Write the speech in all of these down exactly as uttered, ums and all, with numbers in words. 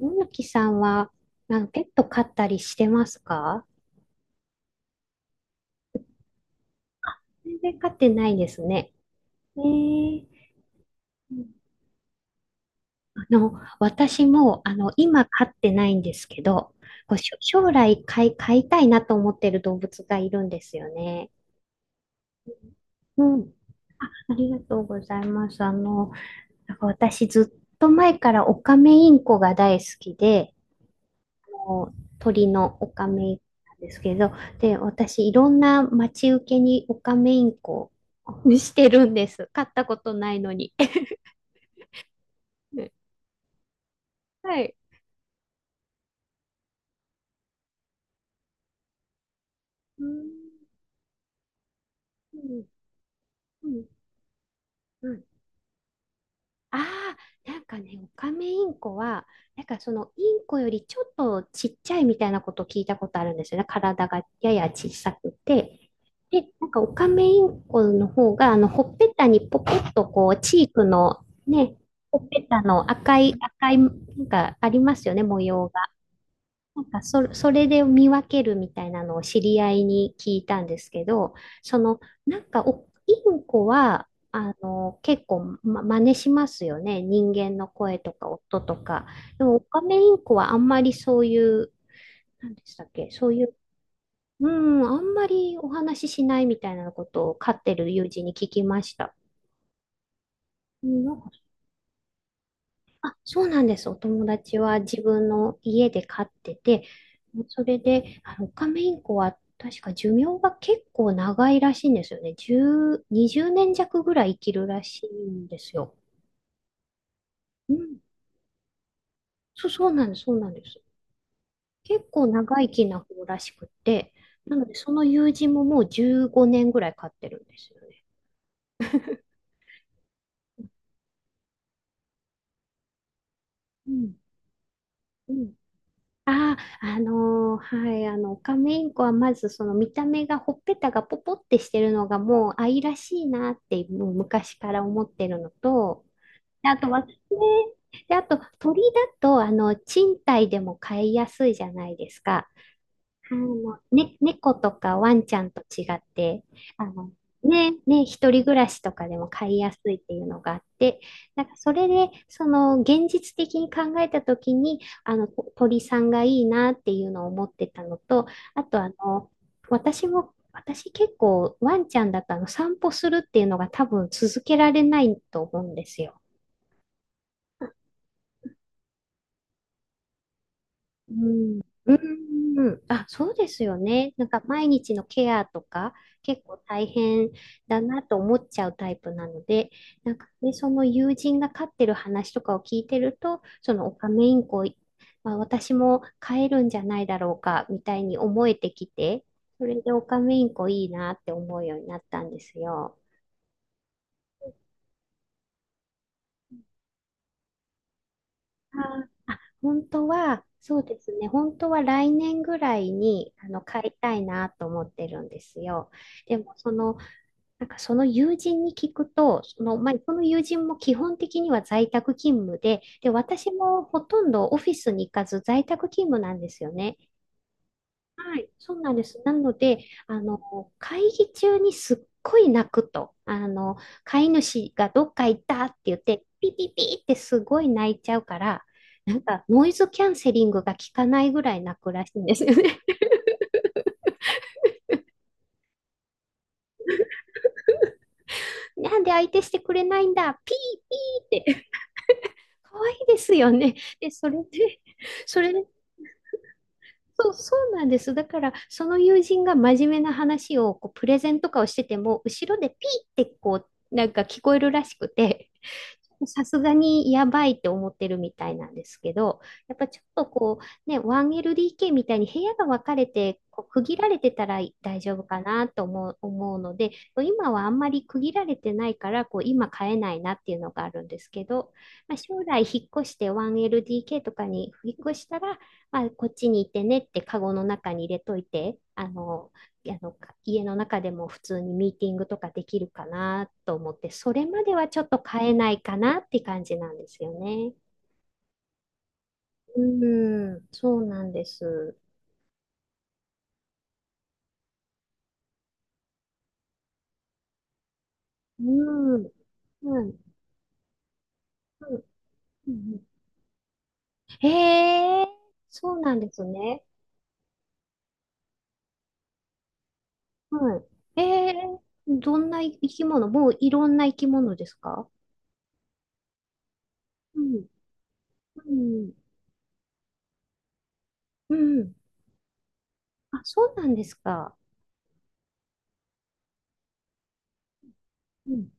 野木さんは、なんかペット飼ったりしてますか？全然飼ってないですね。えー、あの、私も、あの、今飼ってないんですけど、こうしょ将来飼い、飼いたいなと思ってる動物がいるんですよね。うん、ありがとうございます。あの、なんか私ずっと前からオカメインコが大好きで、こう鳥のオカメインコなんですけど、で、私、いろんな待ち受けにオカメインコをしてるんです。飼ったことないのに。はい。うんうんうんうんああ、なんかね、オカメインコは、なんかそのインコよりちょっとちっちゃいみたいなことを聞いたことあるんですよね。体がやや小さくて。で、なんかオカメインコの方が、あの、ほっぺたにポコッとこう、チークのね、ほっぺたの赤い、赤い、なんかありますよね、模様が。なんかそれ、それで見分けるみたいなのを知り合いに聞いたんですけど、その、なんかお、インコは、あの、結構、ま、真似しますよね。人間の声とか音とか。でも、オカメインコはあんまりそういう、なんでしたっけ、そういう、うん、あんまりお話ししないみたいなことを飼ってる友人に聞きました。うん、んそうなんです。お友達は自分の家で飼ってて、それで、あの、オカメインコは確か寿命が結構長いらしいんですよね。じゅう、にじゅうねん弱ぐらい生きるらしいんですよ。うん。そう、そうなんです。そうなんです。結構長生きな方らしくて、なので、その友人ももうじゅうごねんぐらい飼ってるんですよね。うん。うん。ああ、あのーはい、あの、オカメインコはまずその見た目がほっぺたがポポってしてるのがもう愛らしいなって、もう昔から思ってるのと、であとは、ね、で、あと鳥だと、あの、賃貸でも飼いやすいじゃないですか。あの、ね、猫とかワンちゃんと違って、あの、ね、ね、一人暮らしとかでも飼いやすいっていうのがあって、なんかそれで、その、現実的に考えたときに、あの、と鳥さんがいいなっていうのを思ってたのと、あと、あの、私も、私結構ワンちゃんだとあの散歩するっていうのが多分続けられないと思うんですよ。うん、うん、あ、そうですよね。なんか毎日のケアとか結構大変だなと思っちゃうタイプなので、なんかね、その友人が飼ってる話とかを聞いてると、そのオカメインコ、まあ、私も飼えるんじゃないだろうかみたいに思えてきて、それでオカメインコいいなって思うようになったんですよ。本当は、そうですね、本当は来年ぐらいにあの買いたいなと思ってるんですよ。でも、その、なんかその友人に聞くと、その、まあ、この友人も基本的には在宅勤務で、で、私もほとんどオフィスに行かず在宅勤務なんですよね。はい、そうなんです。なので、あの、会議中にすっごい泣くと、あの、飼い主がどっか行ったって言って、ピピピってすごい泣いちゃうから、なんかノイズキャンセリングが効かないぐらい泣くらしいんですよね。なんで相手してくれないんだ、ピーピーって。可愛いですよね。で、それで、それそう、そうなんです。だから、その友人が真面目な話をこうプレゼンとかをしてても、後ろでピーってこう、なんか聞こえるらしくて、さすがにやばいって思ってるみたいなんですけど、やっぱちょっとこう、ね、ワンエルディーケー みたいに部屋が分かれて、こう区切られてたら大丈夫かなと思う、思うので、今はあんまり区切られてないから、こう今買えないなっていうのがあるんですけど、まあ、将来引っ越して ワンエルディーケー とかに引っ越したら、あ、こっちにいてねってカゴの中に入れといて、あの、あの、家の中でも普通にミーティングとかできるかなと思って、それまではちょっと買えないかなって感じなんですよね。うん、そうなんです。うん、うん、うん。うんへえ、そうなんですね。はい。ええ、どんな生き物？もういろんな生き物ですか？うん、うん、うん。あ、そうなんですか。うん。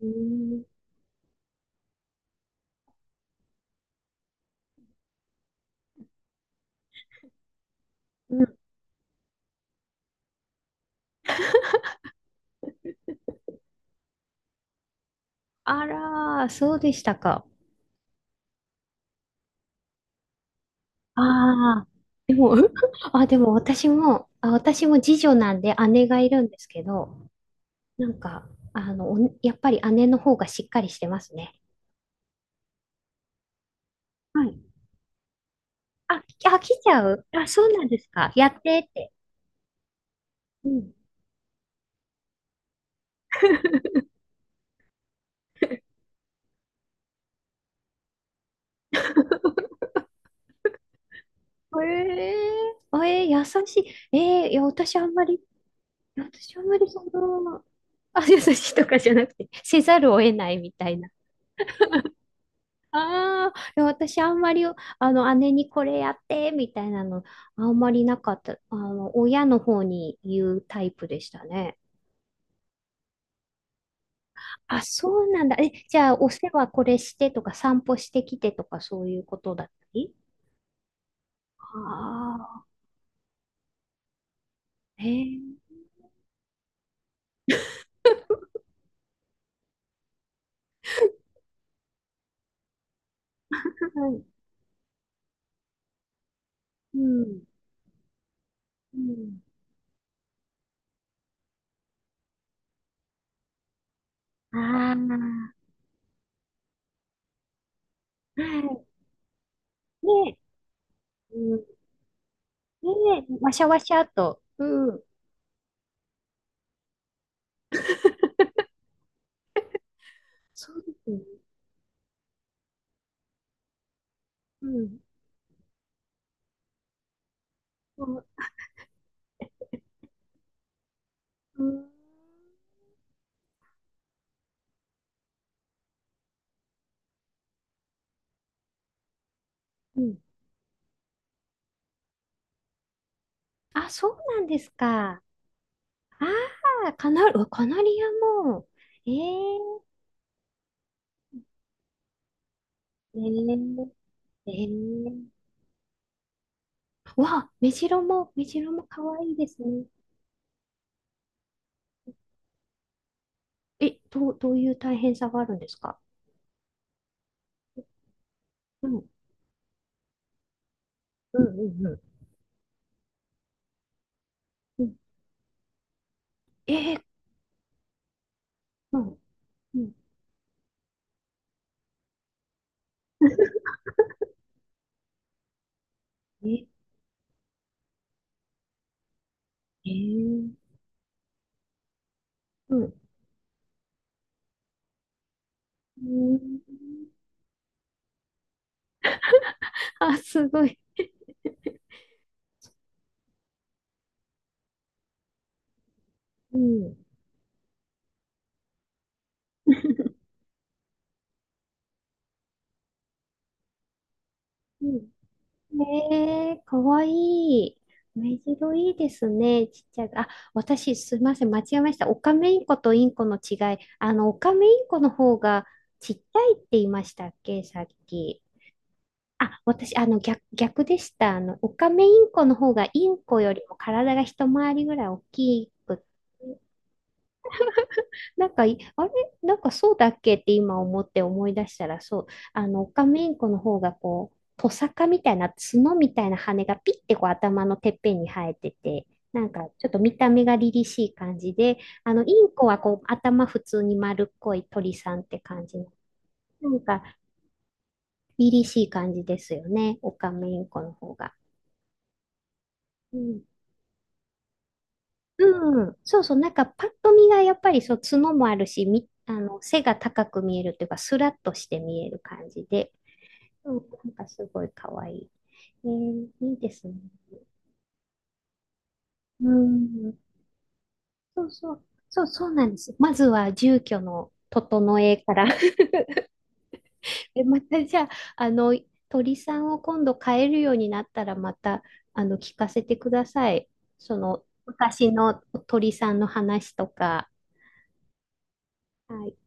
うんうん。あらー、そうでしたか。ああ、でも、あ、でも私も、あ、私も次女なんで姉がいるんですけど、なんか、あの、おやっぱり姉の方がしっかりしてますね。はい。あ、あ、来ちゃう？あ、そうなんですか。やってって。うん。えー、えー、優しい。えー、いや、私あんまり、私あんまりその、あ、優しいとかじゃなくて、せざるを得ないみたいな。ああ、いや私あんまり、あの、姉にこれやって、みたいなの、あんまりなかった。あの、親の方に言うタイプでしたね。あ、そうなんだ。え、じゃあ、お世話これしてとか、散歩してきてとか、そういうことだったり？ああー、えー、はい。うん、うん。ああ、はい。ね、うん、ね、わしゃわしゃと。うん、そうですね。うん、うん、うん。うんあ、そうなんですか。ああ、カナル、うわカナリアも。えええーえーうわ、メジロも、メジロも可愛いですね。え、どう、どういう大変さがあるんですか？うん、うん、うん、うん。うんえー、うん、うん、え、えー、うん。うんあ、すごい。うん、うんねえ、かわいい。目白いいですね。ちっちゃい。あ、私、すいません。間違えました。オカメインコとインコの違い。あの、オカメインコの方がちっちゃいって言いましたっけ、さっき。あ、私、あの、逆、逆でした。あの、オカメインコの方がインコよりも体が一回りぐらい大きくっなんかい、あれなんかそうだっけって今思って思い出したら、そう、あの、オカメインコの方がこう、トサカみたいな角みたいな羽がピッてこう頭のてっぺんに生えてて、なんかちょっと見た目が凛々しい感じで、あの、インコはこう頭普通に丸っこい鳥さんって感じの、なんか凛々しい感じですよね、オカメインコの方が。うん。うん、そうそう、なんかパッと見がやっぱりそう角もあるし、み、あの背が高く見えるというか、スラッとして見える感じで、うん、なんかすごい可愛い。えー、いいですね。うん。そうそう。そう、そうなんです。まずは住居の整えから。で、またじゃあ、あの、鳥さんを今度飼えるようになったら、また、あの、聞かせてください。その、昔の鳥さんの話とか。はい。